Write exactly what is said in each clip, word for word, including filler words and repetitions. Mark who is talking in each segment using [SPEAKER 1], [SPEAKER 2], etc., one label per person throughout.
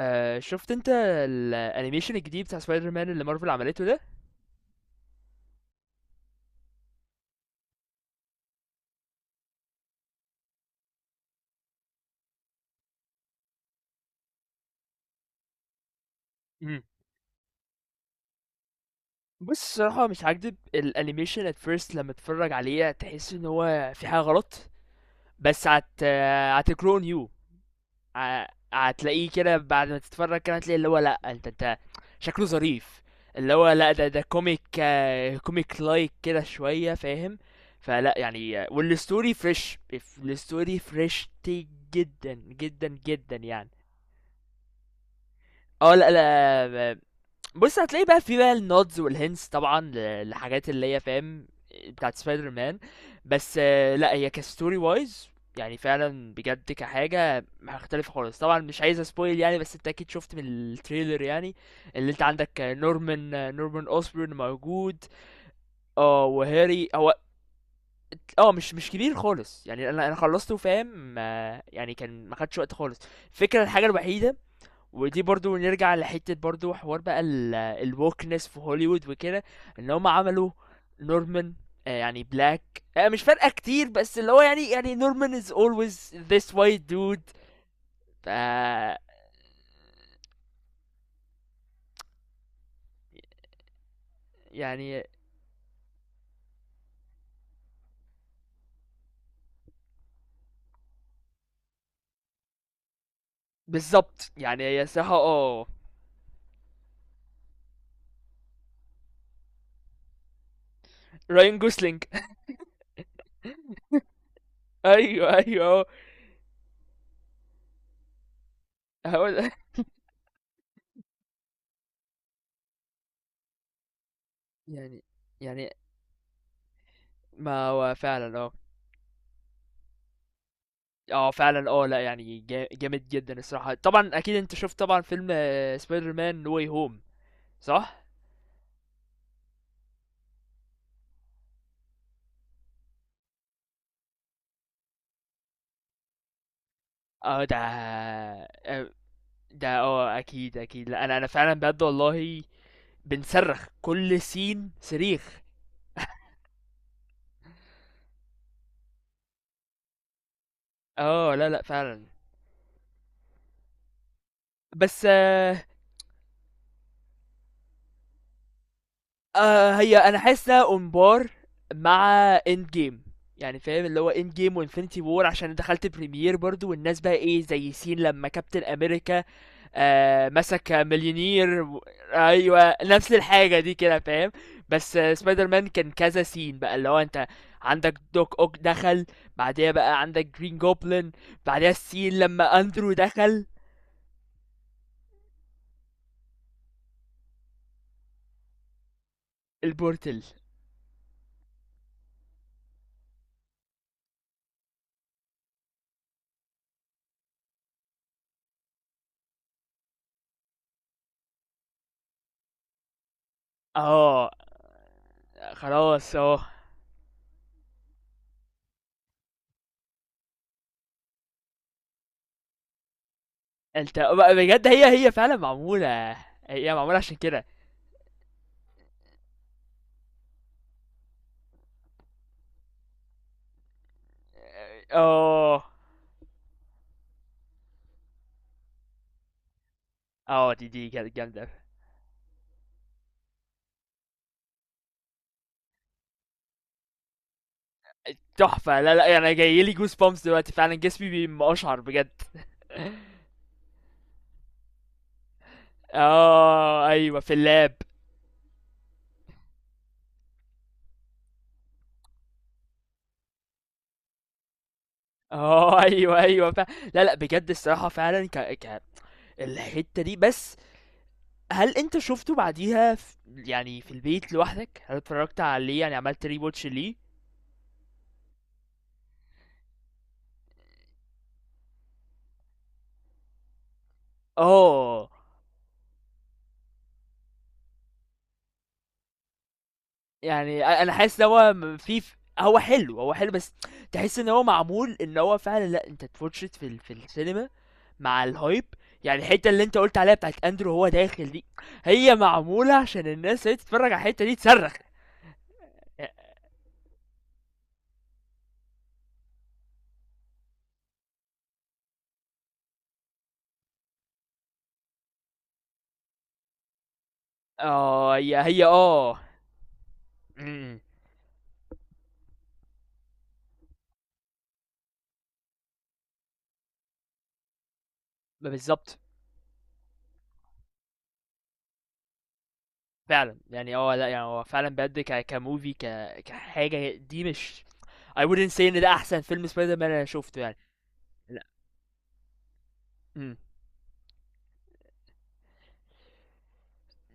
[SPEAKER 1] آه، شفت انت الانيميشن الجديد بتاع سبايدر مان اللي مارفل عملته ده. مم. بص الصراحه مش هكدب، الانيميشن at first لما تتفرج عليه تحس ان هو في حاجه غلط، بس هت هتجرو نيو، هتلاقيه كده. بعد ما تتفرج كده هتلاقي اللي هو لا، انت انت شكله ظريف، اللي هو لا، ده ده كوميك، كوميك لايك كده شويه، فاهم؟ فلا يعني آه، والستوري فريش، الستوري فريش جدا جدا جدا يعني. اه لا لا، بص هتلاقي بقى في بقى النودز والهنس طبعا ل- لحاجات اللي هي فاهم، بتاعت سبايدر مان. بس آه، لا هي كستوري وايز يعني فعلا بجد كحاجة مختلفة خالص. طبعا مش عايز اسبويل يعني، بس انت اكيد شفت من التريلر يعني اللي انت عندك، آه، نورمان، آه، نورمان اوسبورن موجود، اه وهاري هو. اه مش مش كبير خالص يعني، انا انا خلصته، فاهم؟ آه، يعني كان ما خدش وقت خالص. الفكرة، الحاجة الوحيدة، ودي برضو نرجع لحتة برضو، حوار بقى ال الwokeness في هوليوود وكده، ان هم عملوا نورمان آه، يعني بلاك. آه، مش فارقة كتير، بس اللي هو يعني، يعني نورمان is always this white dude. ف يعني بالظبط، يعني هي صراحة اه، راين جوسلينج. ايوه ايوه اه، هو ده. يعني يعني ما هو فعلا اه. اه فعلا اه، لا يعني جا- جامد جدا الصراحة. طبعا اكيد انت شفت طبعا فيلم سبايدر مان نو واي هوم، صح؟ اه ده، آه، ده اه اكيد اكيد. لا انا انا فعلا بجد والله بنصرخ كل سين صريخ. اه لا لا فعلا. بس آه، آه هي انا حاسس انها امبار مع اند جيم، يعني فاهم؟ اللي هو اند جيم وانفينيتي وور، عشان دخلت بريمير برضو والناس بقى ايه، زي سين لما كابتن امريكا آه مسك مليونير و... ايوه نفس الحاجه دي كده، فاهم؟ بس آه، سبايدر مان كان كذا سين بقى، اللي هو انت عندك دوك اوك دخل، بعديها بقى عندك جرين جوبلin، بعديها السين لما اندرو دخل البورتل. اه خلاص اه. انت بقى بجد، هي هي فعلا معموله، هي معموله عشان كده. اه اه، دي دي جامده تحفه. لا لا يعني، جايلي جوز بامس دلوقتي، فعلا جسمي بيبقى اشعر بجد. اه أيوه في اللاب. اه أيوه أيوه ف... لا لأ بجد الصراحة فعلًا، ك ك الحتّة دي. بس هل أنت شُفته بعديها، ف يعني في البيت لوحدك؟ هل اتفرّجت عليه يعني، عملت rewatch ليه؟ آه، يعني، أ أنا حاسس إن هو م في ف هو حلو، هو حلو، بس تحس إن هو معمول، إن هو فعلًا لأ، أنت تwatch it في ال في السينما مع الhype. يعني الحتّة اللي أنت قُلت عليها، بتاعة أندرو وهو داخل دي، هي معمولة عشان الناس اللي هي تتفرّج على الحتّة دي تصرّخ. اه هي هي اه. امم، بالظبط. فعلا يعني اه، لا يعني هو فعلا بجد ك كموفي، ك كحاجه دي مش، I wouldn't say ان ده احسن فيلم سبايدر مان انا شوفته يعني. لا امم،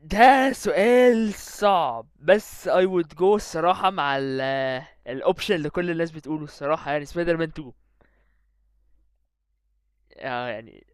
[SPEAKER 1] ده سؤال صعب، بس I would go الصراحه مع ال الاوبشن اللي كل الناس بتقوله الصراحه، يعني سبايدر مان اتنين. آه يعني،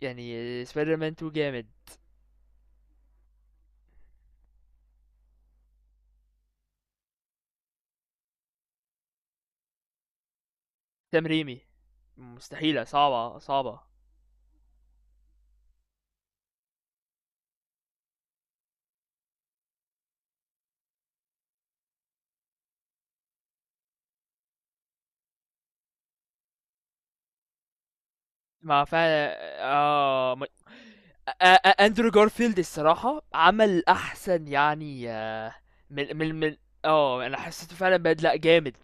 [SPEAKER 1] يعني سبايدر مان اتنين جامد، سام ريمي، مستحيله، صعبه صعبه. ما فعلا اه، ما... آ- آ- اندرو جارفيلد الصراحة عمل احسن يعني، آه، من من من، اه انا حسيته فعلا بدلع جامد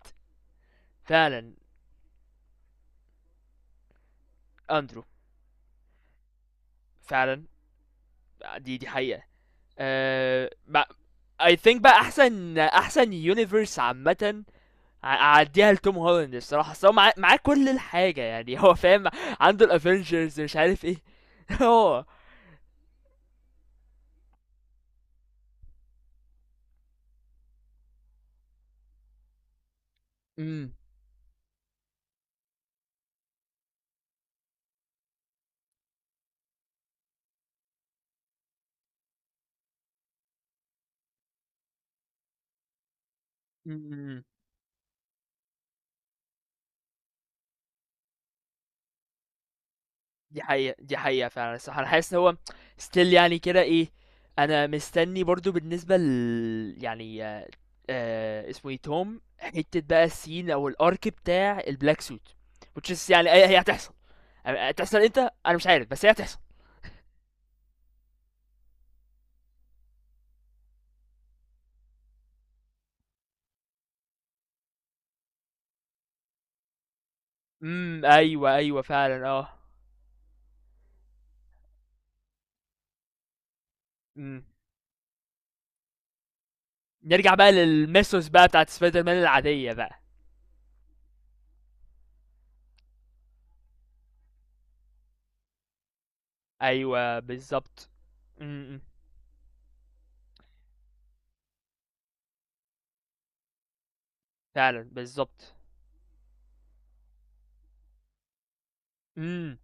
[SPEAKER 1] فعلا. اندرو فعلا، دي دي حقيقة. أه... اي ثينك بقى احسن احسن يونيفرس عامة، ع- اعديها لتوم هولاند الصراحة، أصل هو معاه معاه كل الحاجة يعني. هو فاهم، عنده الافنجرز مش عارف ايه. هو امم، دي حقيقة، دي حقيقة فعلًا. الصراحة أنا حاسس إن هو still يعني كده إيه، أنا مستني برضه بالنسبة ل يعني، آآ اسمه إيه توم، حتة بقى الscene أو الarc بتاع الblack suit، which is يعني، هي هي هتحصل. أ هتحصل إمتى؟ أنا مش عارف، بس هي هتحصل. إمم، أيوه، أيوه فعلًا آه، إمم، نرجع بقى للMythos بقى بتاعة spider man العادية بقى. أيوه بالضبط، إمم، إمم، فعلًا بالضبط، إمم.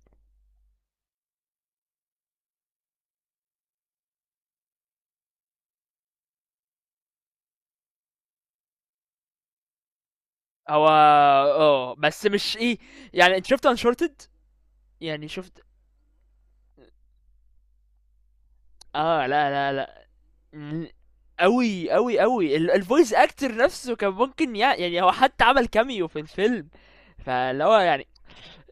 [SPEAKER 1] هو اه، بس مش ايه، يعني انت شفت انشورتد يعني، شفت اه لا لا لا. مم. قوي قوي قوي الفويس اكتر نفسه، كان ممكن يع- يعني هو حتى عمل كاميو في الفيلم. فاللي هو يعني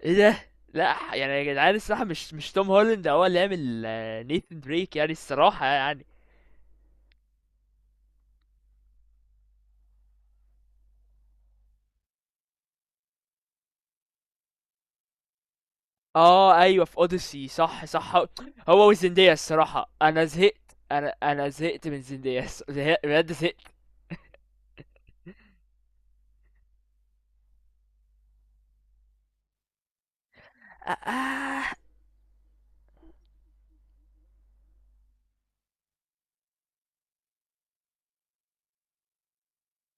[SPEAKER 1] ايه ده، لا يعني يا جدعان الصراحه مش، مش توم هولاند هو اللي عامل نيثن دريك يعني الصراحه يعني. اه ايوه في اوديسي، صح صح. هو وزندية الصراحه انا زهقت، انا انا زهقت من زندية. الص- زهق- بجد زهقت. آه، آه،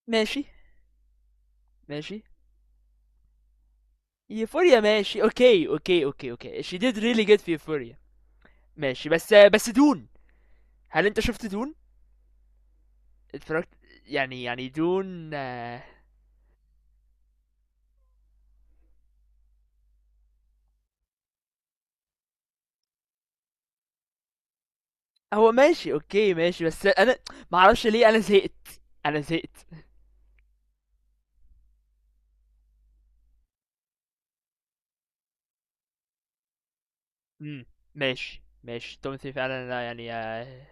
[SPEAKER 1] ماشي ماشي، يوفوريا ماشي، اوكي اوكي اوكي اوكي، she did really good في يوفوريا. ماشي، بس بس دون، هل انت شفت دون، اتفرجت، يعني يعني دون آه، هو ماشي اوكي، ماشي بس انا ما اعرفش ليه، انا زهقت، انا زهقت. امم، ماشي ماشي، تومثي فعلا لا يعني آه،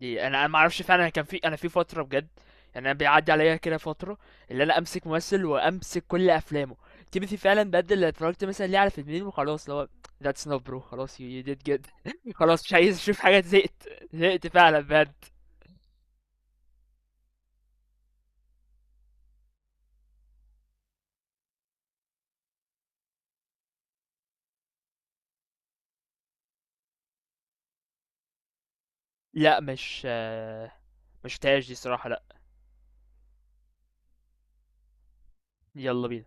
[SPEAKER 1] دي انا، انا ما اعرفش فعلا. أنا كان في، انا في فتره بجد يعني، انا بيعدي عليا كده فتره، اللي انا امسك ممثل وامسك كل افلامه. تيموثي فعلا بجد، اللي اتفرجت مثلا ليه على فيلمين وخلاص، اللي هو that's enough bro، خلاص you, you did good. خلاص مش عايز اشوف حاجه، زهقت زهقت فعلا بجد. لا مش آه، مش تاج دي صراحه، لا. يلا بينا.